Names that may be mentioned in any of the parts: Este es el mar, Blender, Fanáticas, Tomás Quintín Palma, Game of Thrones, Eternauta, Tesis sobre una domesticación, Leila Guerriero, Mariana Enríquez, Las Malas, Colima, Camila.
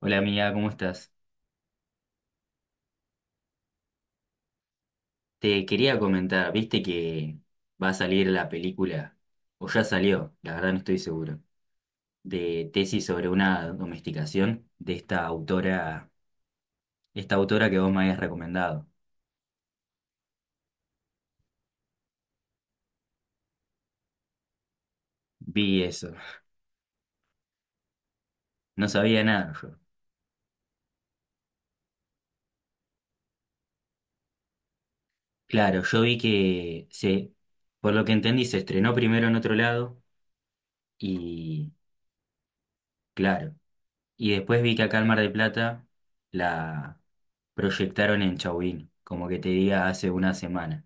Hola amiga, ¿cómo estás? Te quería comentar, viste que va a salir la película, o ya salió, la verdad no estoy seguro, de tesis sobre una domesticación de esta autora que vos me habías recomendado. Vi eso, no sabía nada yo. Claro, yo vi que se, por lo que entendí, se estrenó primero en otro lado y claro, y después vi que acá en Mar del Plata la proyectaron en Chauvin, como que te diga hace una semana.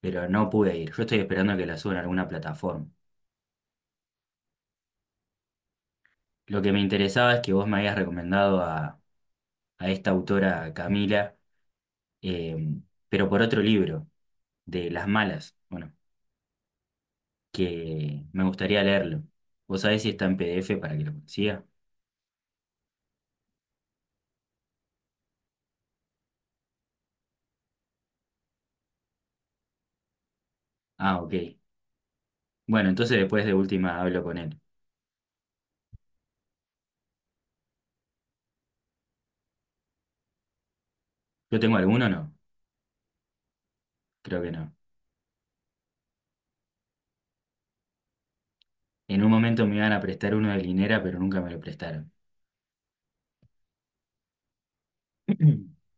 Pero no pude ir. Yo estoy esperando que la suban a alguna plataforma. Lo que me interesaba es que vos me habías recomendado a esta autora Camila, eh, pero por otro libro, de Las Malas, bueno, que me gustaría leerlo. ¿Vos sabés si está en PDF para que lo consiga? Ah, ok. Bueno, entonces después de última hablo con él. ¿Yo tengo alguno o no? Creo que no. En un momento me iban a prestar uno de Linera, pero nunca me lo prestaron.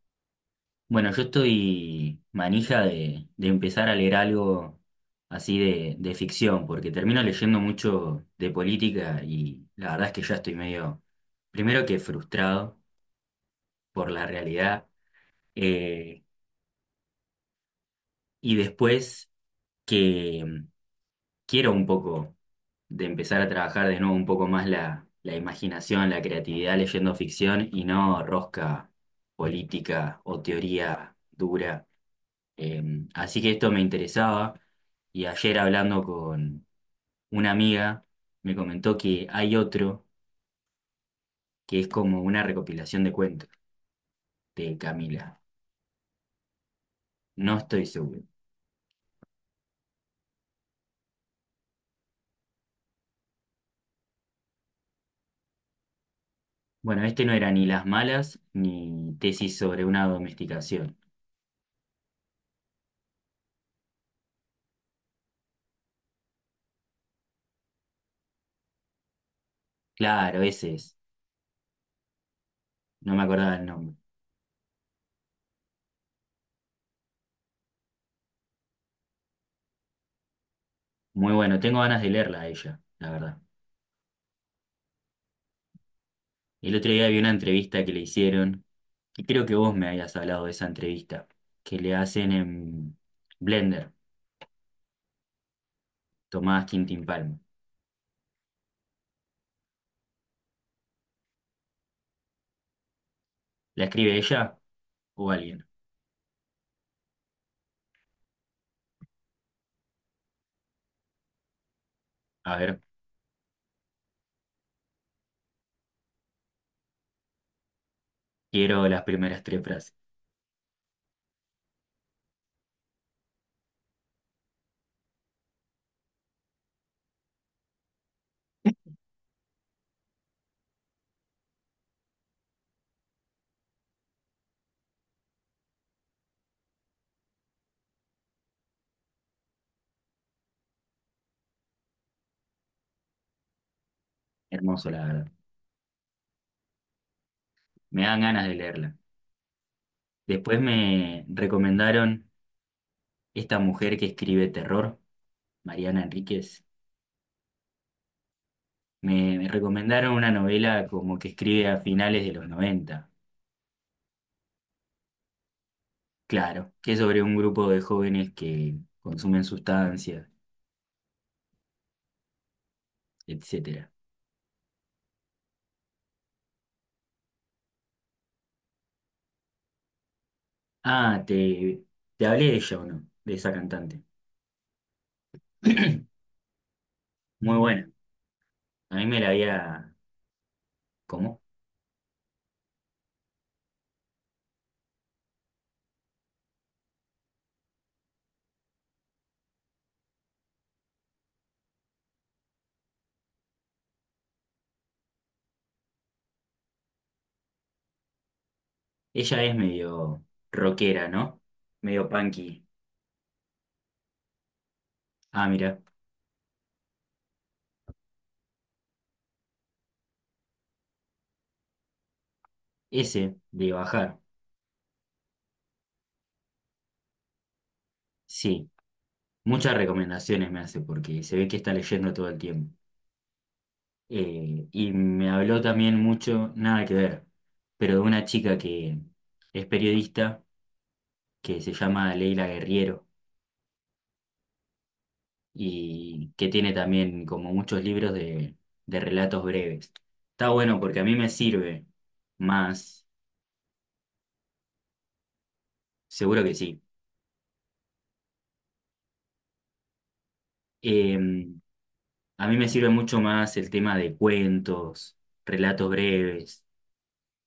Bueno, yo estoy manija de empezar a leer algo así de ficción, porque termino leyendo mucho de política y la verdad es que ya estoy medio, primero que frustrado por la realidad, eh, y después que quiero un poco de empezar a trabajar de nuevo un poco más la imaginación, la creatividad leyendo ficción y no rosca política o teoría dura. Eh, Así que esto me interesaba y ayer hablando con una amiga me comentó que hay otro que es como una recopilación de cuentos de Camila. No estoy seguro. Bueno, este no era ni Las Malas ni Tesis sobre una domesticación. Claro, ese es. No me acordaba el nombre. Muy bueno, tengo ganas de leerla a ella, la verdad. El otro día vi una entrevista que le hicieron, que creo que vos me habías hablado de esa entrevista, que le hacen en Blender, Tomás Quintín Palma. ¿La escribe ella o alguien? A ver, quiero las primeras tres frases. Hermoso, la verdad. Me dan ganas de leerla. Después me recomendaron esta mujer que escribe terror, Mariana Enríquez. Me recomendaron una novela como que escribe a finales de los noventa. Claro, que es sobre un grupo de jóvenes que consumen sustancias, etcétera. Ah, te hablé de ella o no, de esa cantante. Muy buena. A mí me la había... ¿Cómo? Ella es medio rockera, ¿no? Medio punky. Ah, mira, ese de bajar. Sí, muchas recomendaciones me hace porque se ve que está leyendo todo el tiempo. Y me habló también mucho, nada que ver, pero de una chica que es periodista, que se llama Leila Guerriero y que tiene también como muchos libros de relatos breves. Está bueno porque a mí me sirve más, seguro que sí. Eh, A mí me sirve mucho más el tema de cuentos, relatos breves,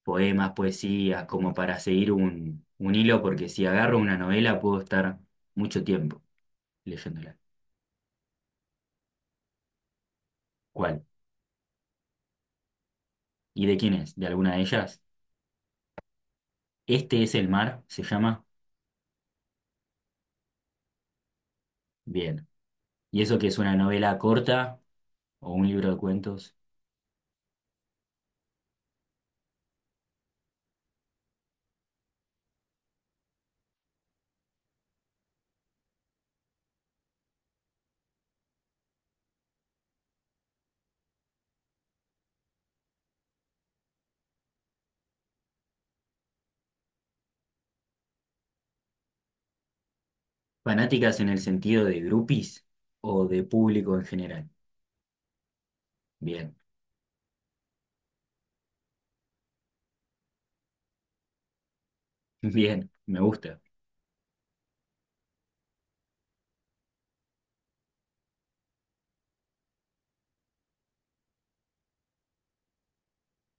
poemas, poesías, como para seguir un hilo, porque si agarro una novela puedo estar mucho tiempo leyéndola. ¿Cuál? ¿Y de quién es? ¿De alguna de ellas? Este es el mar, se llama. Bien. ¿Y eso que es una novela corta o un libro de cuentos? ¿Fanáticas en el sentido de grupis o de público en general? Bien, bien, me gusta.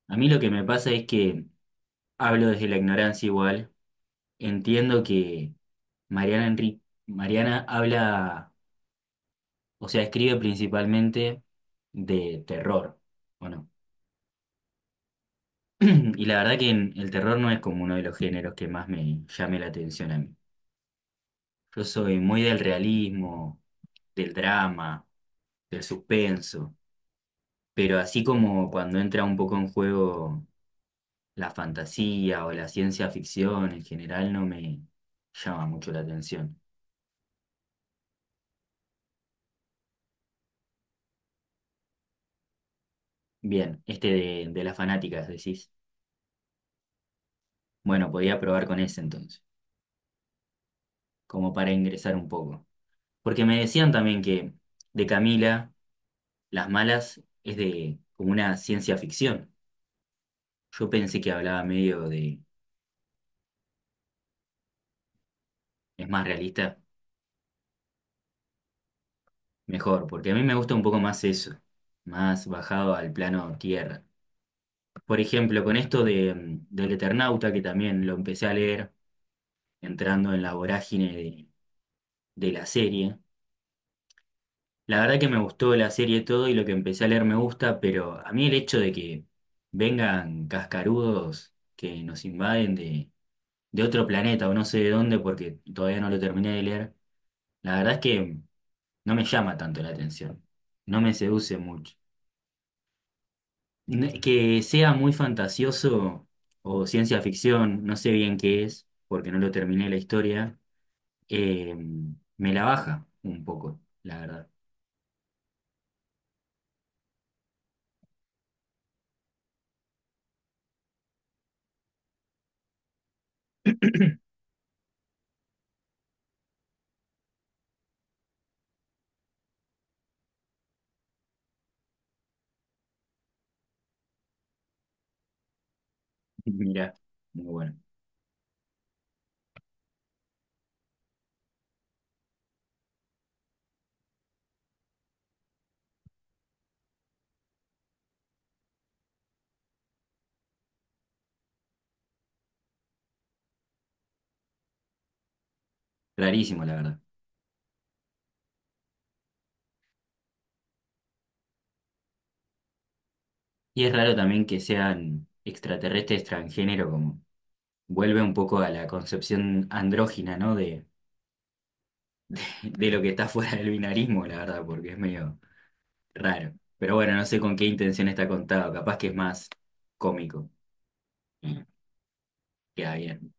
A mí lo que me pasa es que hablo desde la ignorancia igual. Entiendo que Mariana habla, o sea, escribe principalmente de terror, ¿o no? Y la verdad que el terror no es como uno de los géneros que más me llame la atención a mí. Yo soy muy del realismo, del drama, del suspenso, pero así como cuando entra un poco en juego la fantasía o la ciencia ficción en general no me llama mucho la atención. Bien, este de las fanáticas, decís. Bueno, podía probar con ese entonces, como para ingresar un poco. Porque me decían también que de Camila, Las Malas es de como una ciencia ficción. Yo pensé que hablaba medio de, es más realista, mejor, porque a mí me gusta un poco más eso, más bajado al plano tierra. Por ejemplo, con esto de, del Eternauta, que también lo empecé a leer entrando en la vorágine de la serie. La verdad que me gustó la serie todo y lo que empecé a leer me gusta, pero a mí el hecho de que vengan cascarudos que nos invaden de otro planeta o no sé de dónde porque todavía no lo terminé de leer, la verdad es que no me llama tanto la atención, no me seduce mucho. Que sea muy fantasioso o ciencia ficción, no sé bien qué es, porque no lo terminé la historia, eh, me la baja un poco, la verdad. Mirá, muy bueno, rarísimo la verdad. Y es raro también que sean extraterrestres transgénero, como vuelve un poco a la concepción andrógina, ¿no? De, de lo que está fuera del binarismo, la verdad, porque es medio raro. Pero bueno, no sé con qué intención está contado, capaz que es más cómico. Mm, Queda bien.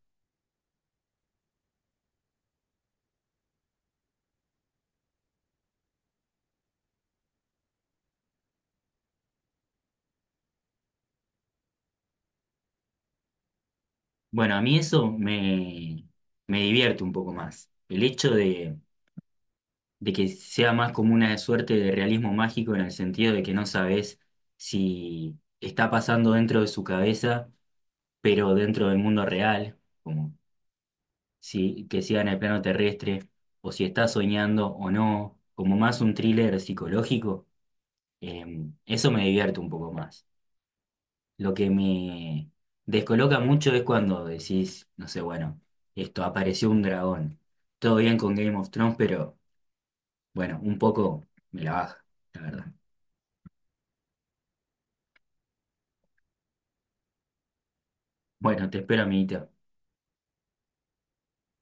Bueno, a mí eso me divierte un poco más. El hecho de que sea más como una suerte de realismo mágico en el sentido de que no sabes si está pasando dentro de su cabeza pero dentro del mundo real, como si que sea en el plano terrestre, o si está soñando o no, como más un thriller psicológico, eh, eso me divierte un poco más. Lo que me descoloca mucho es cuando decís, no sé, bueno, esto apareció un dragón. Todo bien con Game of Thrones, pero bueno, un poco me la baja, la verdad. Bueno, te espero, amiguito.